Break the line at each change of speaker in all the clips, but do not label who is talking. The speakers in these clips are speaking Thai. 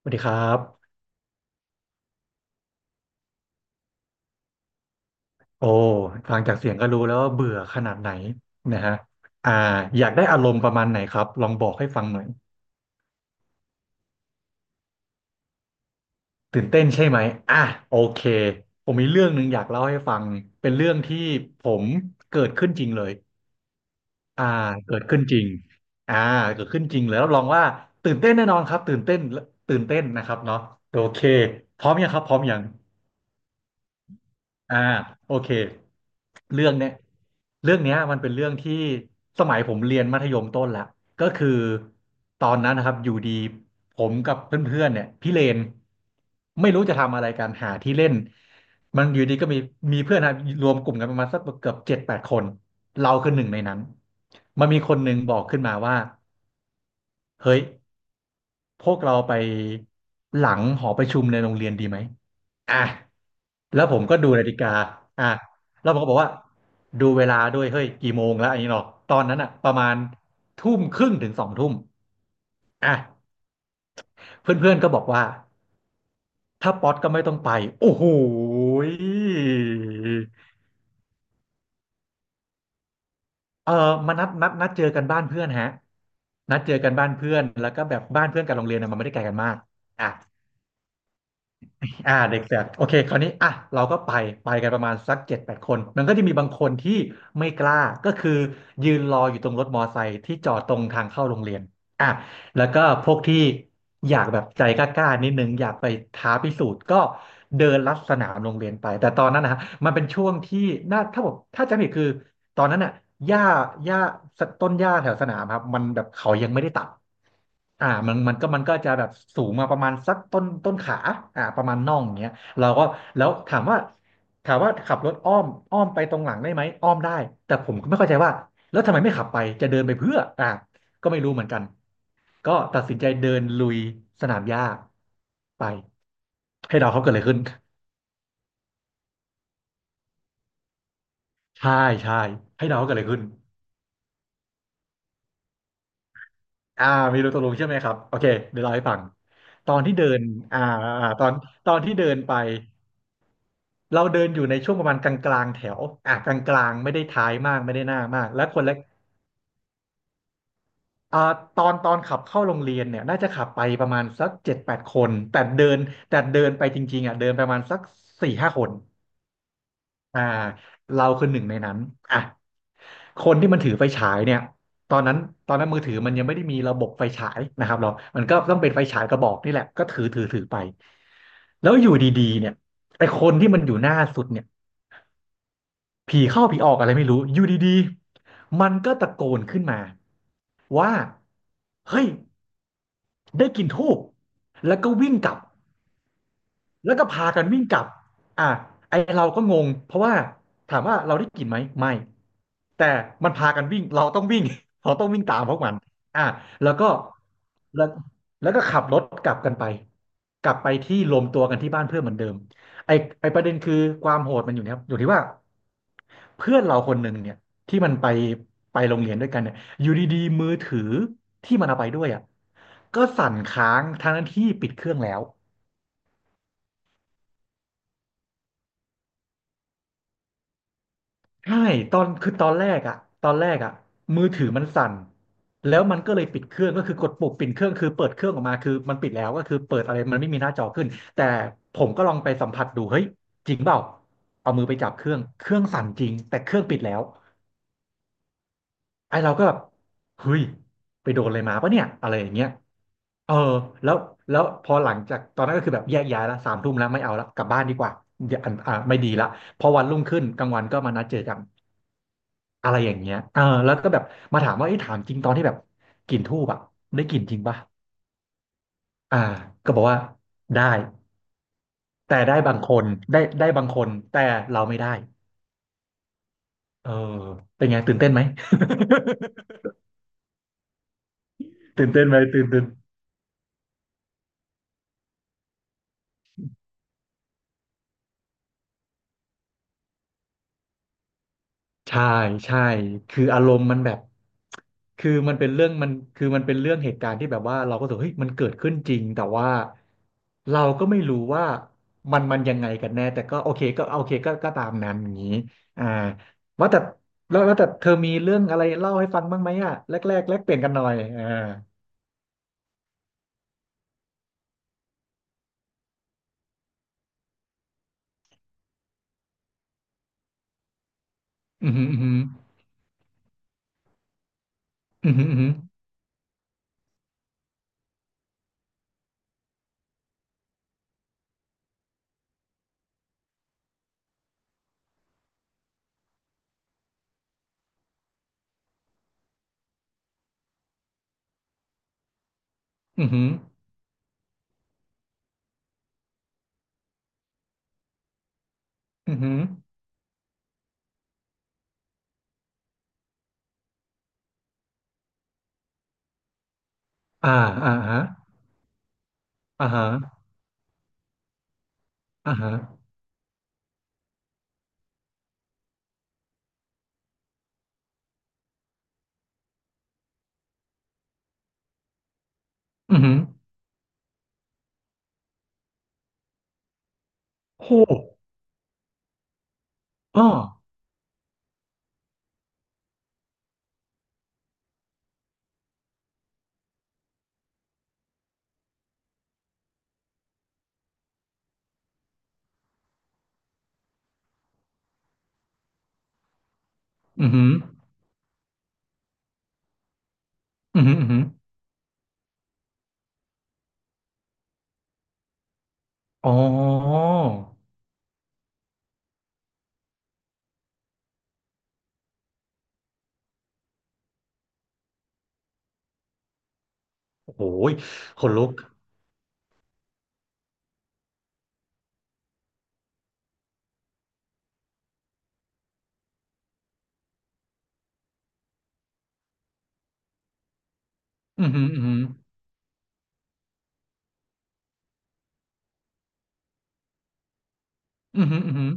สวัสดีครับโอ้ฟังจากเสียงก็รู้แล้วว่าเบื่อขนาดไหนนะฮะอ่าอยากได้อารมณ์ประมาณไหนครับลองบอกให้ฟังหน่อยตื่นเต้นใช่ไหมอ่ะโอเคผมมีเรื่องหนึ่งอยากเล่าให้ฟังเป็นเรื่องที่ผมเกิดขึ้นจริงเลยอ่าเกิดขึ้นจริงอ่าเกิดขึ้นจริงเลยรับรองว่าตื่นเต้นแน่นอนครับตื่นเต้นตื่นเต้นนะครับเนาะโอเคพร้อมยังครับพร้อมยัง อ่าโอเคเรื่องเนี้ยเรื่องเนี้ยมันเป็นเรื่องที่สมัยผมเรียนมัธยมต้นละก็คือตอนนั้นนะครับอยู่ดีผมกับเพื่อนๆเนี่ยพี่เลนไม่รู้จะทำอะไรกันหาที่เล่นมันอยู่ดีก็มีเพื่อนนะรวมกลุ่มกันประมาณสักเกือบเจ็ดแปดคนเราคือหนึ่งในนั้นมันมีคนหนึ่งบอกขึ้นมาว่าเฮ้ยพวกเราไปหลังหอประชุมในโรงเรียนดีไหมอ่ะ แล้วผมก็ดูนาฬิกาอ่ะแล้วผมก็บอกว่าดูเวลาด้วยเฮ้ยกี่โมงแล้วอันนี้เนาะตอนนั้นอ่ะประมาณทุ่มครึ่งถึงสองทุ่มอ่ะเพื่อนๆก็บอกว่าถ้าป๊อตก็ไม่ต้องไปโอ้โหยเออมานัดเจอกันบ้านเพื่อนฮะนัดเจอกันบ้านเพื่อนแล้วก็แบบบ้านเพื่อนกับโรงเรียนนะมันไม่ได้ไกลกันมากอ่ะ เด็กแฝดโอเคคราวนี้อ่ะเราก็ไปไปกันประมาณสักเจ็ดแปดคนมันก็จะมีบางคนที่ไม่กล้าก็คือยืนรออยู่ตรงรถมอไซค์ที่จอดตรงทางเข้าโรงเรียนอ่ะแล้วก็พวกที่อยากแบบใจกล้าๆนิดนึงอยากไปท้าพิสูจน์ก็เดินลัดสนามโรงเรียนไปแต่ตอนนั้นนะฮะมันเป็นช่วงที่น่าถ้าผมถ้าจำไม่ผิดคือ ตอนนั้นอ่ะหญ้าหญ้าต้นหญ้าแถวสนามครับมันแบบเขายังไม่ได้ตัดมันก็จะแบบสูงมาประมาณสักต้นขาประมาณน่องอย่างเงี้ยเราก็แล้วถามว่าขับรถอ้อมไปตรงหลังได้ไหมอ้อมได้แต่ผมก็ไม่เข้าใจว่าแล้วทำไมไม่ขับไปจะเดินไปเพื่ออ่าก็ไม่รู้เหมือนกันก็ตัดสินใจเดินลุยสนามหญ้าไปให้เดาเขาเกิดอะไรขึ้นใช่ใช่ให้เดาว่าเกิดอะไรขึ้น อ่ามีรูตะลุงใช่ไหมครับโอเคเดี๋ยวเล่าให้ฟังตอนที่เดินอ่าอ่าตอนตอนที่เดินไปเราเดินอยู่ในช่วงประมาณกลางๆแถวกลางๆไม่ได้ท้ายมากไม่ได้หน้ามากและคนละอ่าตอนขับเข้าโรงเรียนเนี่ยน่าจะขับไปประมาณสักเจ็ดแปดคนแต่เดินไปจริงๆอ่ะเดินประมาณสักสี่ห้าคนอ่าเราคือหนึ่งในนั้นอ่ะ คนที่มันถือไฟฉายเนี่ยตอนนั้นตอนนั้นมือถือมันยังไม่ได้มีระบบไฟฉายนะครับเรามันก็ต้องเป็นไฟฉายกระบอกนี่แหละก็ถือไปแล้วอยู่ดีๆเนี่ยไอ้คนที่มันอยู่หน้าสุดเนี่ยผีเข้าผีออกอะไรไม่รู้อยู่ดีๆมันก็ตะโกนขึ้นมาว่าเฮ้ยได้กลิ่นธูปแล้วก็วิ่งกลับ แล้วก็พากันวิ่งกลับอ่ะไอเราก็งงเพราะว่าถามว่าเราได้กลิ่นไหมไม่แต่มันพากันวิ่งเราต้องวิ่ง เราต้องวิ่งตามพวกมันอ่ะแล้วก็แล้วแล้วก็ขับรถกลับกันไปกลับไปที่รวมตัวกันที่บ้านเพื่อนเหมือนเดิมไอไอประเด็นคือความโหดมันอยู่นะครับอยู่ที่ว่าเพื่อนเราคนหนึ่งเนี่ยที่มันไปโรงเรียนด้วยกันเนี่ยอยู่ดีๆมือถือที่มันเอาไปด้วยอ่ะก็สั่นค้างทั้งที่ปิดเครื่องแล้ว ใช่ตอนคือตอนแรกอะมือถือมันสั่นแล้วมันก็เลยปิดเครื่องก็คือกดปุ่มปิดเครื่องคือเปิดเครื่องออกมาคือมันปิดแล้วก็คือเปิดอะไรมันไม่มีหน้าจอขึ้นแต่ผมก็ลองไปสัมผัสดูเฮ้ยจริงเปล่าเอามือไปจับเครื่องเครื่องสั่นจริงแต่เครื่องปิดแล้วไอ้เราก็แบบเฮ้ยไปโดนอะไรมาปะเนี่ยอะไรอย่างเงี้ยเออแล้วแล้วพอหลังจากตอนนั้นก็คือแบบแยกย้ายละสามทุ่มแล้วไม่เอาละกลับบ้านดีกว่าเดี๋ยวอ่ะอ่ะไม่ดีละพอวันรุ่งขึ้นกลางวันก็มานัดเจอกัน อะไรอย่างเงี้ยเออแล้วก็แบบมาถามว่าไอ้ยถามจริงตอนที่แบบกลิ่นธูปอะได้กลิ่นจริงปะอ่าก็บอกว่าได้ แต่ได้บางคนได้บางคนแต่เราไม่ได้เออเป็นไงตื่นเต้นไหม ตื่นเต้นไหมตื่นเต้น ใช่ใช่คืออารมณ์มันแบบคือมันเป็นเรื่องมันคือมันเป็นเรื่องเหตุการณ์ที่แบบว่าเราก็รู้สึกเฮ้ยมันเกิดขึ้นจริงแต่ว่าเราก็ไม่รู้ว่ามันยังไงกันแน่แต่ก็โอเคก็ตามนั้นอย่างนี้อ่าว่าแต่แล้วแต่เธอมีเรื่องอะไรเล่าให้ฟังบ้างไหมอ่ะแรกแลกเปลี่ยนกันหน่อยอ่าอือหืออือหืออือหืออือหืออือหืออ่าอ่าฮะอ่าฮะอ่าฮะอือหือโหอ้ออือหืออืมอม อ๋อโอ้โหขนลุกอืมอหืมออืมอหืออือืออืหือ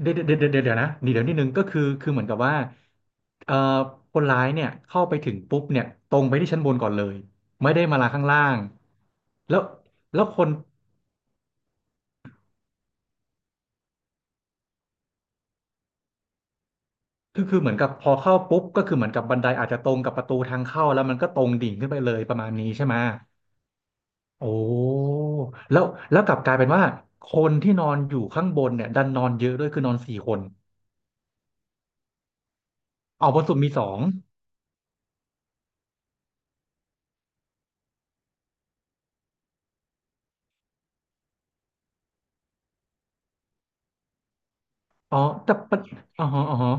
เดี๋ยวเดี๋ยวเดี๋ยวเดี๋ยวเดี๋ยวนะนี่เดี๋ยวนิดนึงก็คือเหมือนกับว่าเอ่อคนร้ายเนี่ยเข้าไปถึงปุ๊บเนี่ยตรงไปที่ชั้นบนก่อนเลยไม่ได้มาลาข้างล่างแล้วแล้วคนคือคือเหมือนกับพอเข้าปุ๊บก็คือเหมือนกับบันไดอาจจะตรงกับประตูทางเข้าแล้วมันก็ตรงดิ่งขึ้นไปเลยประมาณนี้ใช่ไหมโอ้แล้วแล้วกลับกลายเป็นว่า คนที่นอนอยู่ข้างบนเนี่ยดันนอนเยอะด้วยคือนอนสี่คนเอาบนสุดมีสอง อ๋อแต่ประอ๋อฮะ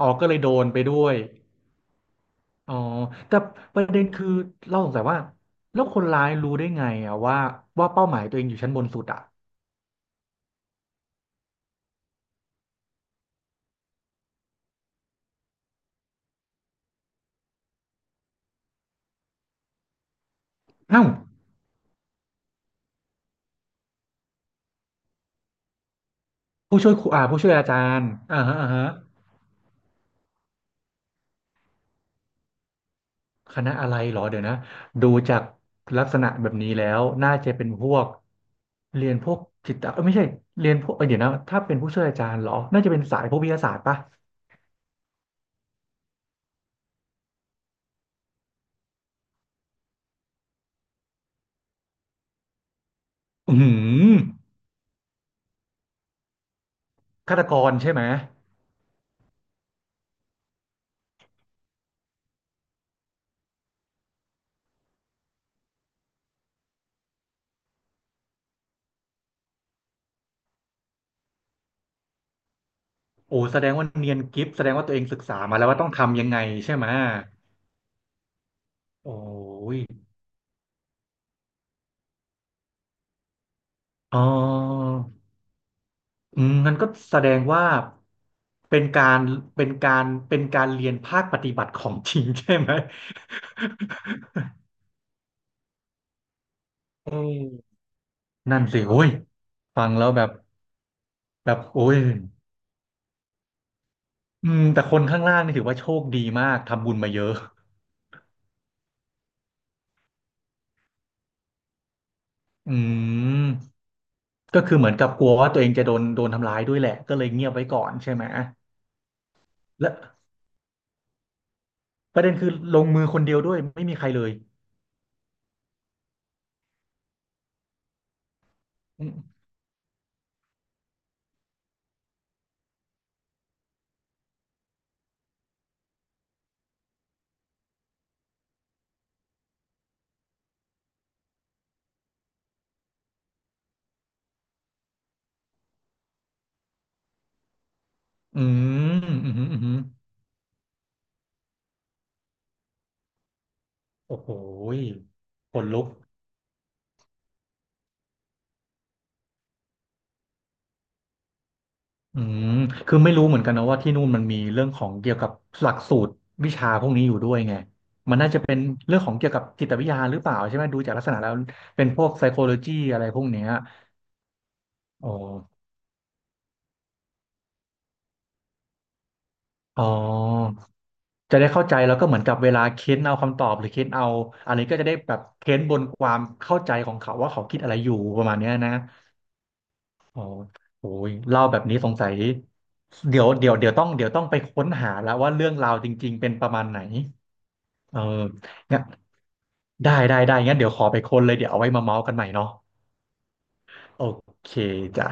อ๋อก็เลยโดนไปด้วยอ๋อแต่ประเด็นคือเราสงสัยว่าแล้วคนร้ายรู้ได้ไงอะว่าเป้าหมายตัวเองอยู่ชั้นบนสุดอะเอ้าผู้ช่วยครูอ่าผู้ช่วยอาจารย์อ่าฮะคณะอะไรเหรอเดี๋ยวนะดูจากลักษณะแบบนี้แล้วน่าจะเป็นพวกเรียนพวกจิตเอ้ยไม่ใช่เรียนพวกเดี๋ยวนะถ้าเป็นผู้ช่วยอาจารย์เหรอน่าจะเป็นสายพวกวิทยาศาสตร์ปะอืมหฆาตกรใช่ไหม โอ้แสดงว่าเนียนกิฟแสดงว่าตัวเองศึกษามาแล้วว่าต้องทำยังไงใช่ไหมโอ้ยอ๋ออืมงั้นก็แสดงว่าเป็นการเป็นการเรียนภาคปฏิบัติของจริงใช่ไหม อืมนั่นสิโอ้ยฟังแล้วแบบแบบโอ้ยอืมแต่คนข้างล่างนี่ถือว่าโชคดีมากทำบุญมาเยอะอืมก็คือเหมือนกับกลัวว่าตัวเองจะโดนทำร้ายด้วยแหละก็เลยเงียบไว้ก่อนใช่ไหมและ ประเด็นคือลงมือคนเดียวด้วยไม่มีใครเลยอืมอือืมโอ้โหยขนลุกอืมคือไม่รู้เหมือนกันนะว่าที่นู่นมันมีเรื่องของเกี่ยวกับหลักสูตรวิชาพวกนี้อยู่ด้วยไง มันน่าจะเป็นเรื่องของเกี่ยวกับจิตวิทยาหรือเปล่าใช่ไหมดูจากลักษณะแล้วเป็นพวก psychology อะไรพวกเนี้ยอ๋ออ๋อจะได้เข้าใจแล้วก็เหมือนกับเวลาเค้นเอาคำตอบหรือเค้นเอาอันนี้ก็จะได้แบบเค้นบนความเข้าใจของเขาว่าเขาคิดอะไรอยู่ประมาณเนี้ยนะ อ๋อโอ้ยเล่าแบบนี้สงสัยเดี๋ยวเดี๋ยวเดี๋ยวต้องเดี๋ยวต้องไปค้นหาแล้วว่าเรื่องราวจริงๆ เป็นประมาณไหนเอองั้นได้งั้นเดี๋ยวขอไปค้นเลยเดี๋ยวเอาไว้มาเมาส์กันใหม่เนาะโอเคจ้ะ